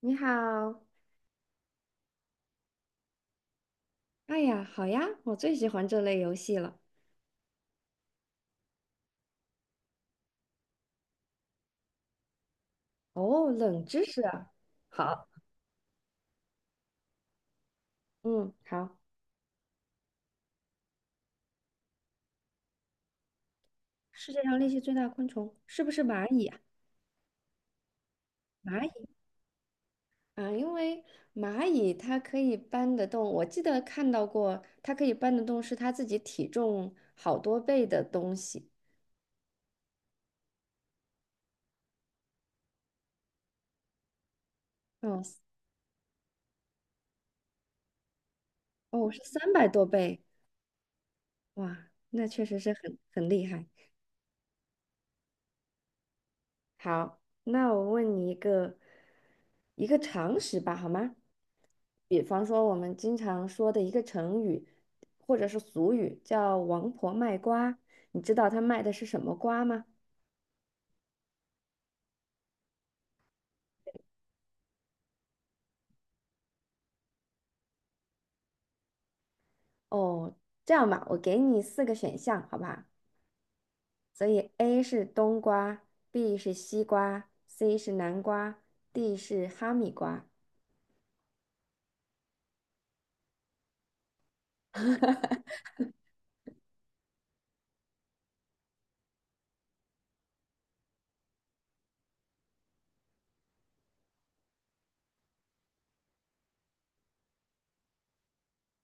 你好，哎呀，好呀，我最喜欢这类游戏了。哦，冷知识啊，好，嗯，好。世界上力气最大的昆虫是不是蚂蚁啊？蚂蚁啊，因为蚂蚁它可以搬得动，我记得看到过，它可以搬得动是它自己体重好多倍的东西。哦，哦，是300多倍，哇，那确实是很厉害。好，那我问你一个常识吧，好吗？比方说我们经常说的一个成语，或者是俗语，叫"王婆卖瓜"，你知道她卖的是什么瓜吗？哦，这样吧，我给你四个选项，好吧？所以 A 是冬瓜，B 是西瓜，C 是南瓜，D 是哈密瓜。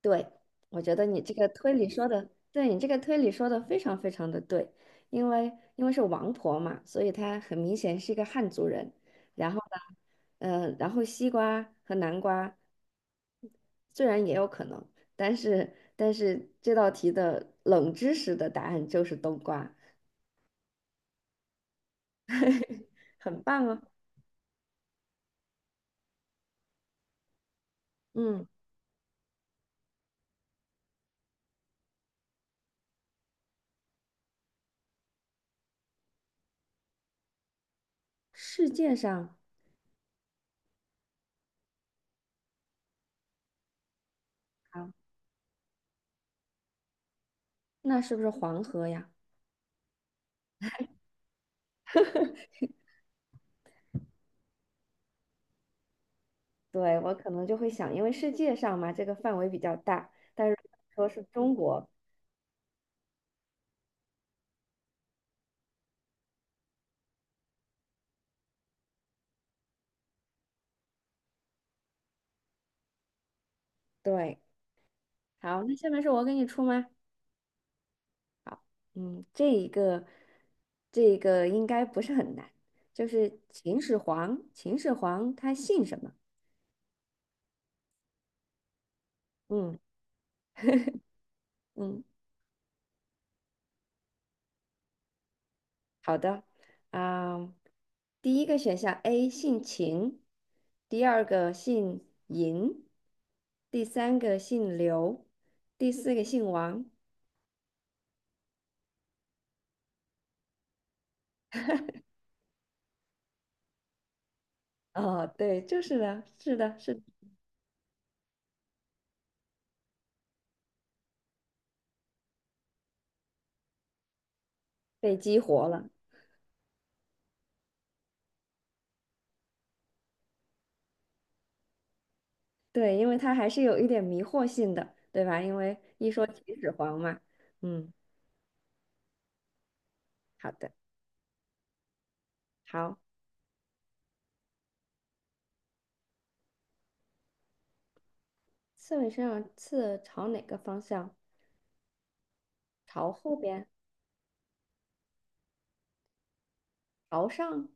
对，我觉得你这个推理说的非常非常的对，因为因为是王婆嘛，所以她很明显是一个汉族人。然后呢，然后西瓜和南瓜虽然也有可能，但是这道题的冷知识的答案就是冬瓜，很棒哦。嗯，世界上啊，那是不是黄河呀？对，我可能就会想，因为世界上嘛，这个范围比较大，但是说是中国，对。好，那下面是我给你出吗？嗯，这一个应该不是很难，就是秦始皇，秦始皇他姓什么？嗯嗯，好的，啊、第一个选项 A 姓秦，第二个姓嬴，第三个姓刘，第四个姓王。哦，对，就是的，是的，是的被激活了。对，因为它还是有一点迷惑性的，对吧？因为一说秦始皇嘛，嗯，好的，好。刺猬身上刺朝哪个方向？朝后边，朝上。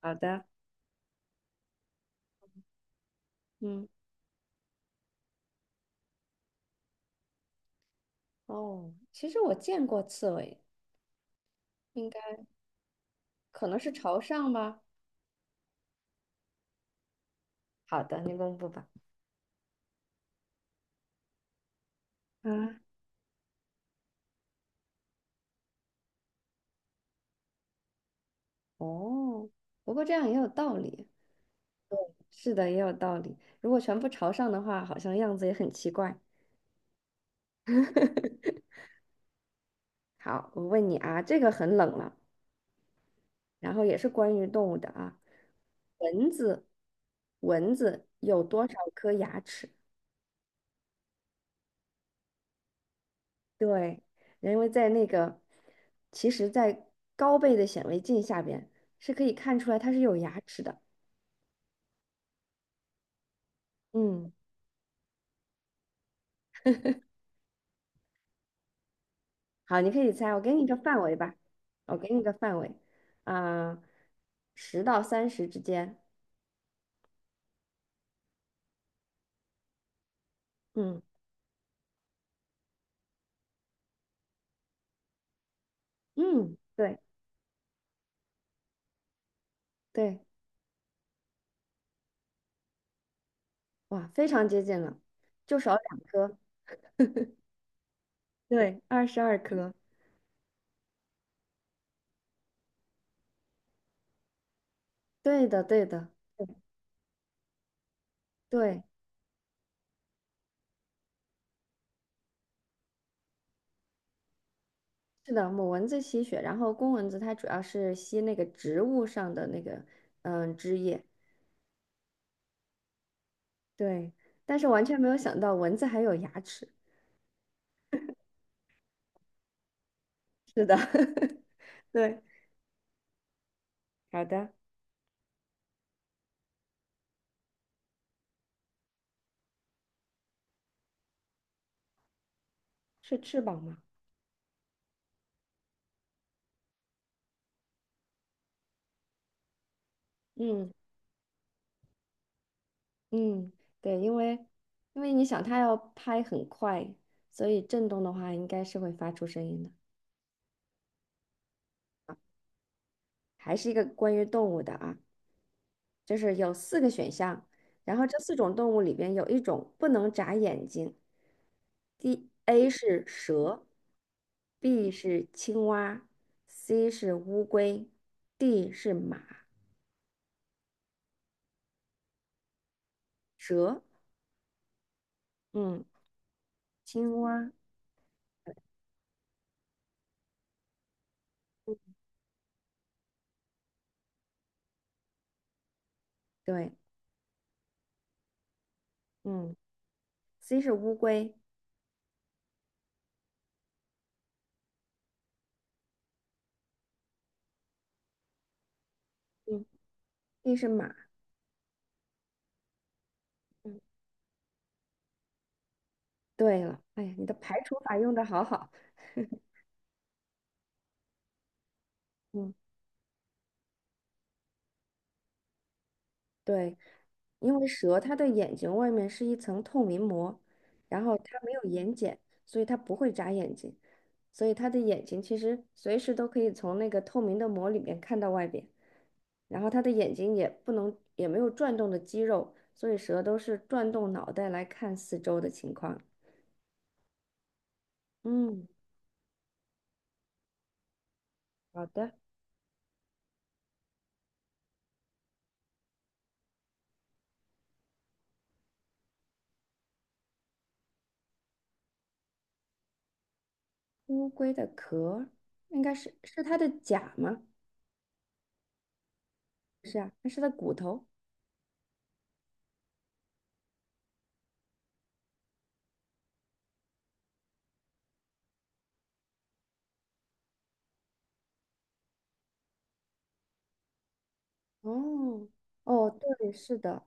好的，嗯，哦，其实我见过刺猬，应该可能是朝上吧。好的，你公布吧。啊，哦，不过这样也有道理。对，是的，也有道理。如果全部朝上的话，好像样子也很奇怪。好，我问你啊，这个很冷了。然后也是关于动物的啊。蚊子，蚊子有多少颗牙齿？对，因为在那个，其实，在高倍的显微镜下边是可以看出来它是有牙齿的。嗯，好，你可以猜，我给你一个范围吧，我给你一个范围，啊、10到30之间。嗯嗯，对对，哇，非常接近了，就少两颗。对，22颗。对的，对的，对。是的，母蚊子吸血，然后公蚊子它主要是吸那个植物上的那个嗯汁液。对，但是完全没有想到蚊子还有牙齿。是的，对，好的，是翅膀吗？嗯嗯，对，因为你想它要拍很快，所以震动的话应该是会发出声音的。还是一个关于动物的啊，就是有四个选项，然后这四种动物里边有一种不能眨眼睛。A 是蛇，B 是青蛙，C 是乌龟，D 是马。蛇，嗯，青蛙，嗯对，嗯，C 是乌龟，嗯，D 是马。嗯，对了，哎呀，你的排除法用的好好。嗯。对，因为蛇它的眼睛外面是一层透明膜，然后它没有眼睑，所以它不会眨眼睛，所以它的眼睛其实随时都可以从那个透明的膜里面看到外边，然后它的眼睛也不能也没有转动的肌肉，所以蛇都是转动脑袋来看四周的情况。嗯，好的。乌龟的壳应该是是它的甲吗？不是啊，那是它骨头。哦哦，对，是的。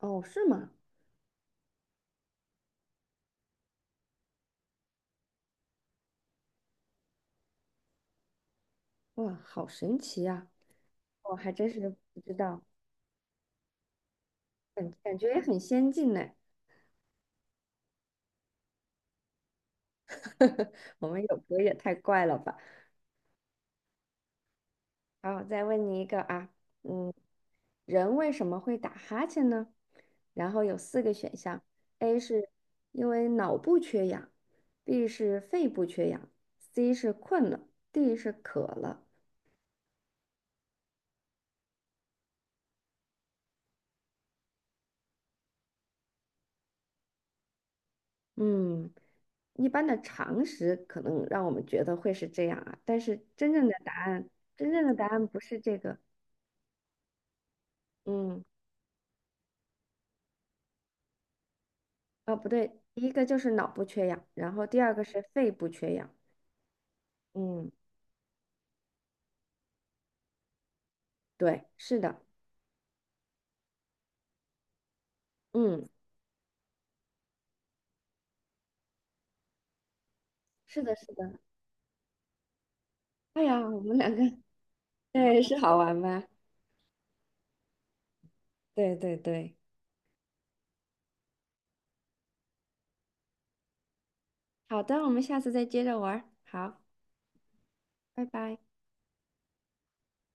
哦，是吗？哇，好神奇呀、我还真是不知道，感觉也很先进呢。我们有时候也太怪了吧？好，再问你一个啊，嗯，人为什么会打哈欠呢？然后有四个选项：A 是因为脑部缺氧，B 是肺部缺氧，C 是困了，D 是渴了。嗯，一般的常识可能让我们觉得会是这样啊，但是真正的答案，真正的答案不是这个。嗯哦，不对，第一个就是脑部缺氧，然后第二个是肺部缺氧。嗯，对，是的，嗯，是的，是的。哎呀，我们两个对是好玩吧？对对对，好的，我们下次再接着玩儿好，拜拜。